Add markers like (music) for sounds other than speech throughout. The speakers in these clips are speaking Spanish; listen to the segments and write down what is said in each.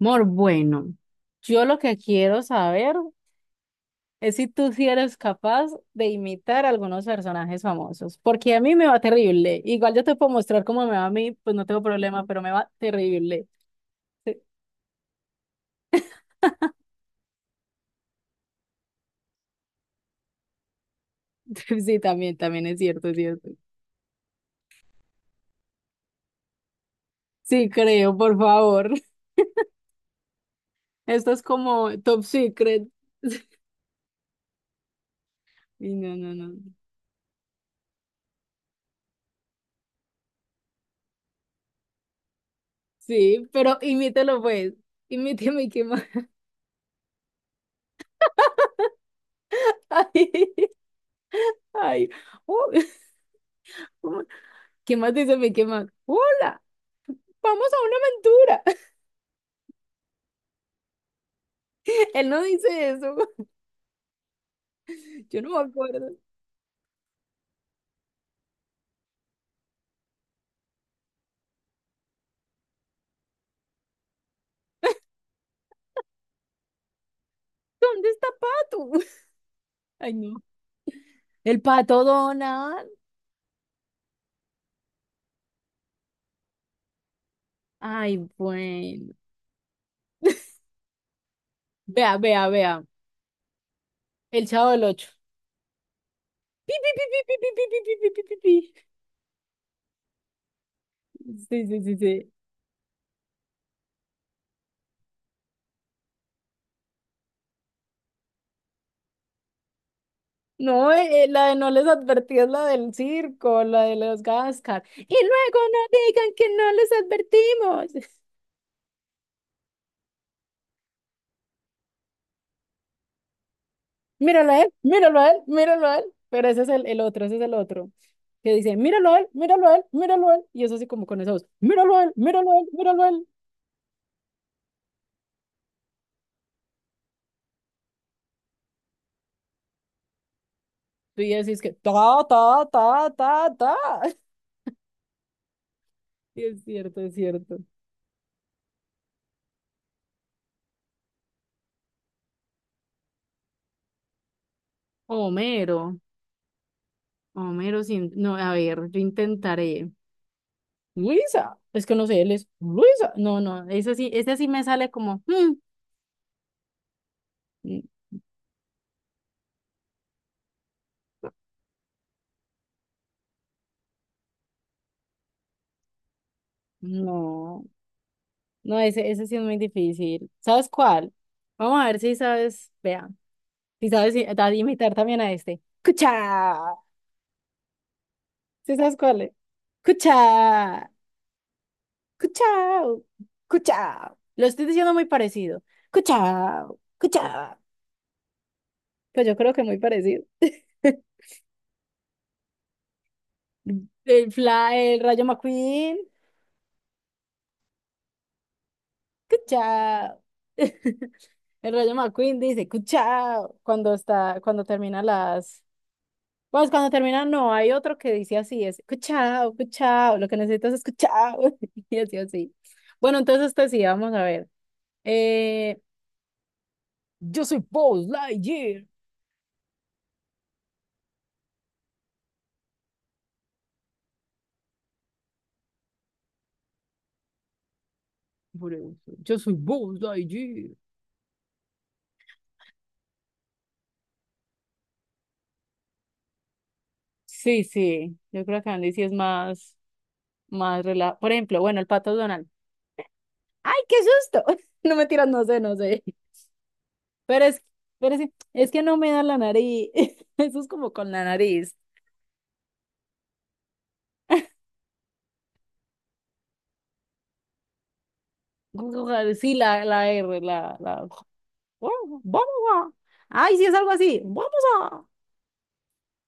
Mor, bueno, yo lo que quiero saber es si tú sí eres capaz de imitar a algunos personajes famosos, porque a mí me va terrible. Igual yo te puedo mostrar cómo me va a mí, pues no tengo problema, pero me va terrible. Sí, (laughs) sí, también es cierto, es cierto. Sí, creo, por favor. (laughs) Esto es como top secret. Y no, no, no. Sí, pero imítelo pues. Imíteme, ¿qué más? (laughs) Ay, ay. Uh, (laughs) ¿Qué más dice mi qué? ¡Hola! Vamos a una aventura. (laughs) Él no dice eso. Yo no me acuerdo. ¿Dónde está Pato? (laughs) Ay, no. El pato Donald. Ay, bueno. (laughs) Vea, vea, vea. El Chavo del Ocho. Pi, pi, pi, pi, pi, pi, pi, pi, pi, pi, pi, pi. Sí, sí, sí, sí. No, la de no les advertí es la del circo, la de los Gascar. Y luego no digan que no les advertimos. (laughs) Míralo a él, míralo a él, míralo a él. Pero ese es el otro, ese es el otro. Que dice, míralo a él, míralo a él, míralo a él. Y eso así como con esa voz, míralo a él, míralo a él, míralo a él. Y así es que, ta, ta, ta, ta, ta. (laughs) Y es cierto, es cierto. Homero, Homero sin... No, a ver, yo intentaré. Luisa, es que no sé, él es Luisa. No, no, ese sí me sale como... n- No, no, ese sí es muy difícil. ¿Sabes cuál? Vamos a ver si sabes, vea. Y sabes imitar también a este. ¡Cucha! ¿Sí sabes cuál es? ¡Cucha! ¡Cuchao! ¡Cuchao! Lo estoy diciendo muy parecido. ¡Cuchao! ¡Cuchao! Pues yo creo que muy parecido. (laughs) El Fla, el Rayo McQueen. ¡Cuchao! (laughs) El Rayo McQueen dice ¡Cuchao! Cuando está, cuando termina las. Pues cuando termina, no, hay otro que dice así, es escuchao, escuchao, lo que necesitas es escuchao, (laughs) y así, así. Bueno, entonces este sí, vamos a ver. Eh, yo soy Buzz Lightyear. Por eso, yo soy Buzz Lightyear. Sí, sí, yo creo que Andy sí es más, más relajado. Por ejemplo, bueno, el pato Donald. ¡Ay, qué susto! (laughs) No me tiras, no sé, no sé. Pero es, pero sí, es que no me da la nariz. (laughs) Eso es como con la nariz. Sí, la, la R, la, la. Vamos, vamos a. Ay, sí es algo así. Vamos a.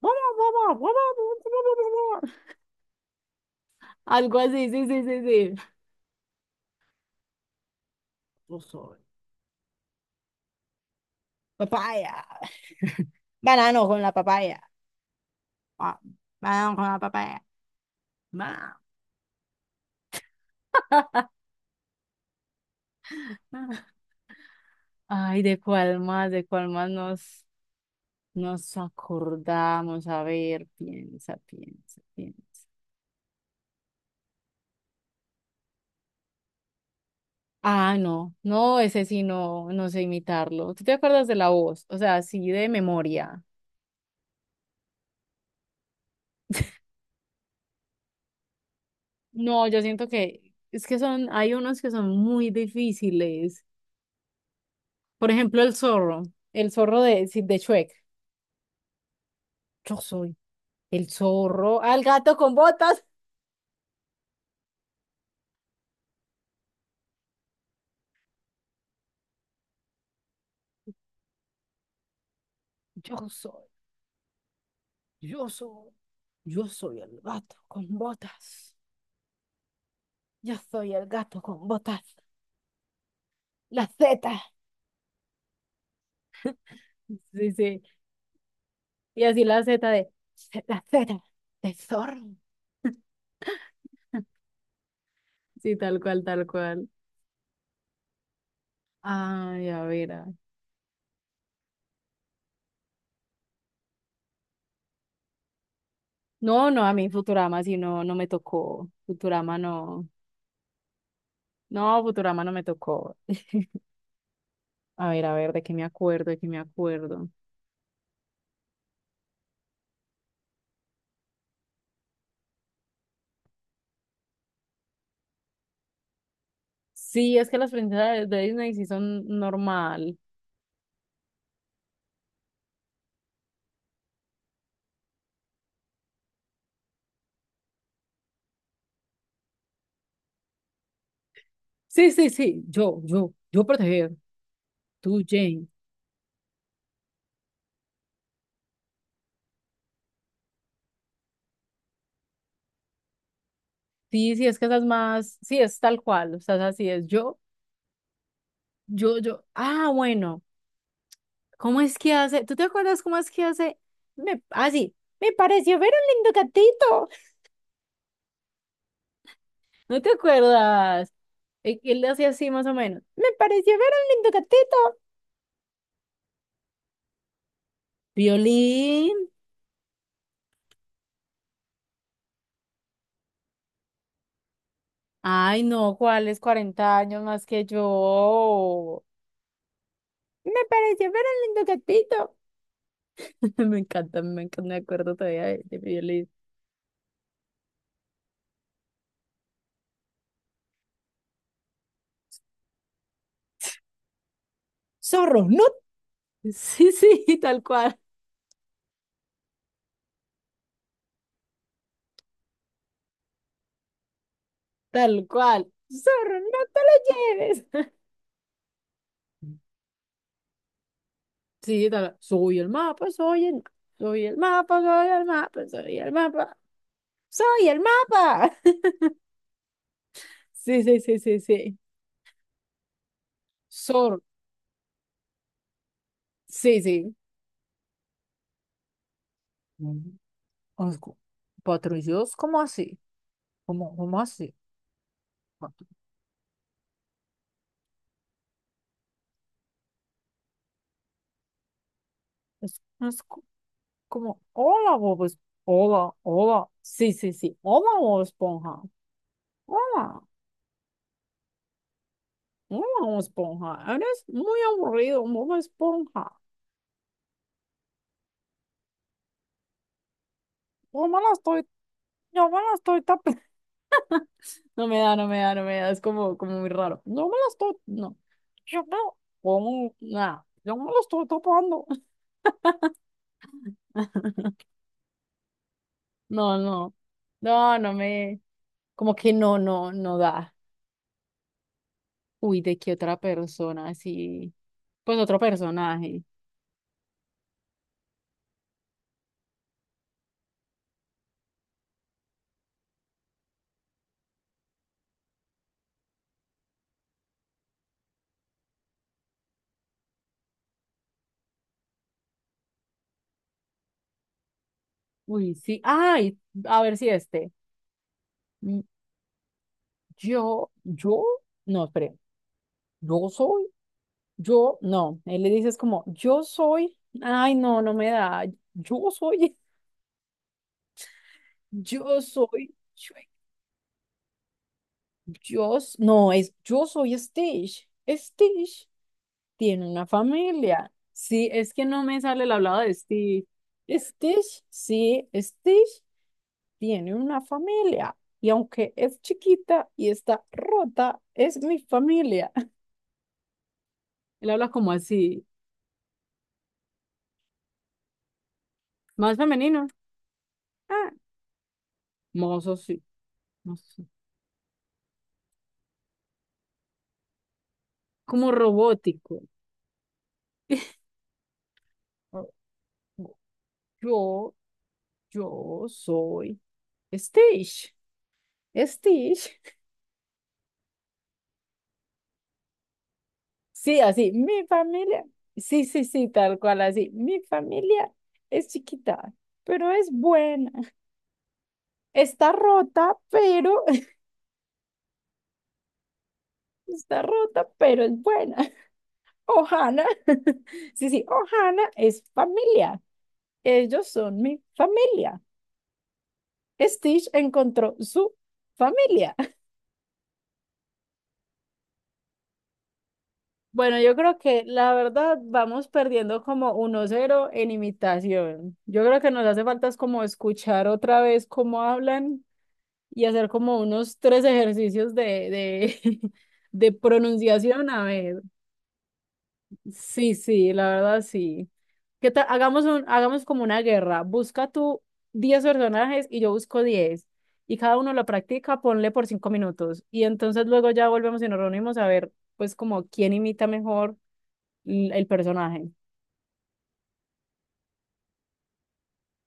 Vamos, vamos, vamos, vamos, vamos, vamos. Algo así, sí, sí, sí, sí. Tú sabes. Papaya. Banano con la papaya. Ah, banano con la papaya. Ma- ma. Ay, ¿de cuál más? ¿De cuál más nos, nos acordamos? A ver, piensa, piensa, piensa. Ah, no, no, ese sí no, no sé imitarlo. ¿Tú te acuerdas de la voz? O sea, sí de memoria. No, yo siento que es que son, hay unos que son muy difíciles. Por ejemplo, el zorro, sí, de Shrek. Yo soy el zorro, al gato con botas. Yo soy, yo soy, yo soy el gato con botas. Yo soy el gato con botas. La Z. Sí, sí. Y así la Z de zorro. Sí, tal cual, tal cual. Ay, a ver. No, no, a mí Futurama sí no, no me tocó. Futurama no. No, Futurama no me tocó. (laughs) A ver, de qué me acuerdo, de qué me acuerdo. Sí, es que las princesas de Disney sí son normal. Sí, sí, sí, yo proteger, tú, Jane. Sí, sí, es que esas más, sí, es tal cual, o sea, así es, yo. Ah, bueno, ¿cómo es que hace? ¿Tú te acuerdas cómo es que hace? Ah, sí, me pareció ver un lindo gatito. (laughs) ¿No te acuerdas? Él le hacía así más o menos. Me pareció ver un lindo gatito. Violín. Ay, no, ¿cuál es 40 años más que yo? Me pareció ver un lindo gatito. (laughs) Me encanta, me encanta, me acuerdo todavía de mi violín. Zorro, no. Sí, sí, (laughs) tal cual, tal cual. Zorro, no te lo lleves. (laughs) Sí, tal, soy el mapa, soy el mapa, soy el mapa, soy el mapa. (laughs) Sí, sí, sí, sí, sí. Zorro, sí, sí. Mm, asco. Patrullos, ¿cómo así? ¿Cómo, cómo así? Es, no es como, hola, Bob Esponja. Hola, hola. Sí, sí, sí. Hola, Bob Esponja. Hola, hola, Bob Esponja. Eres muy aburrido, Bob Esponja. Yo me la estoy, yo me la estoy tapando. (laughs) No me da, no me da, no me da. Es como, como muy raro. Yo me la estoy, no. Yo me, como, nada. Yo me la estoy tapando. (laughs) No, no. No, como que no, no, no da. Uy, ¿de qué otra persona? Sí. Pues otro personaje. Uy, sí. Ay, a ver si este. Mm, Yo, yo, no, espere. Yo soy, no. Él le dices como, yo soy. Ay, no, no me da. Yo soy, (laughs) yo soy, yo, yo no, es, yo soy Stitch. Stitch tiene una familia. Sí, es que no me sale el hablado de Stitch. Stitch, sí, Stitch tiene una familia. Y aunque es chiquita y está rota, es mi familia. Él habla como así, más femenino. Ah, mozo, sí, mozo, sí. Como robótico. O- o- Yo, yo soy Stitch. Stitch. Sí, así, mi familia. Sí, sí, sí, tal cual, así. Mi familia es chiquita, pero es buena. Está rota, pero (laughs) está rota, pero es buena. Ohana. (laughs) Sí, sí, Ohana es familia. Ellos son mi familia. Stitch encontró su familia. Bueno, yo creo que la verdad vamos perdiendo como 1-0 en imitación. Yo creo que nos hace falta es como escuchar otra vez cómo hablan y hacer como unos tres ejercicios de, (laughs) de pronunciación a ver. Sí, sí, la verdad sí. ¿Qué tal? Hagamos como una guerra. Busca tú 10 personajes y yo busco 10. Y cada uno lo practica, ponle por 5 minutos. Y entonces luego ya volvemos y nos reunimos a ver, pues, como quién imita mejor el personaje.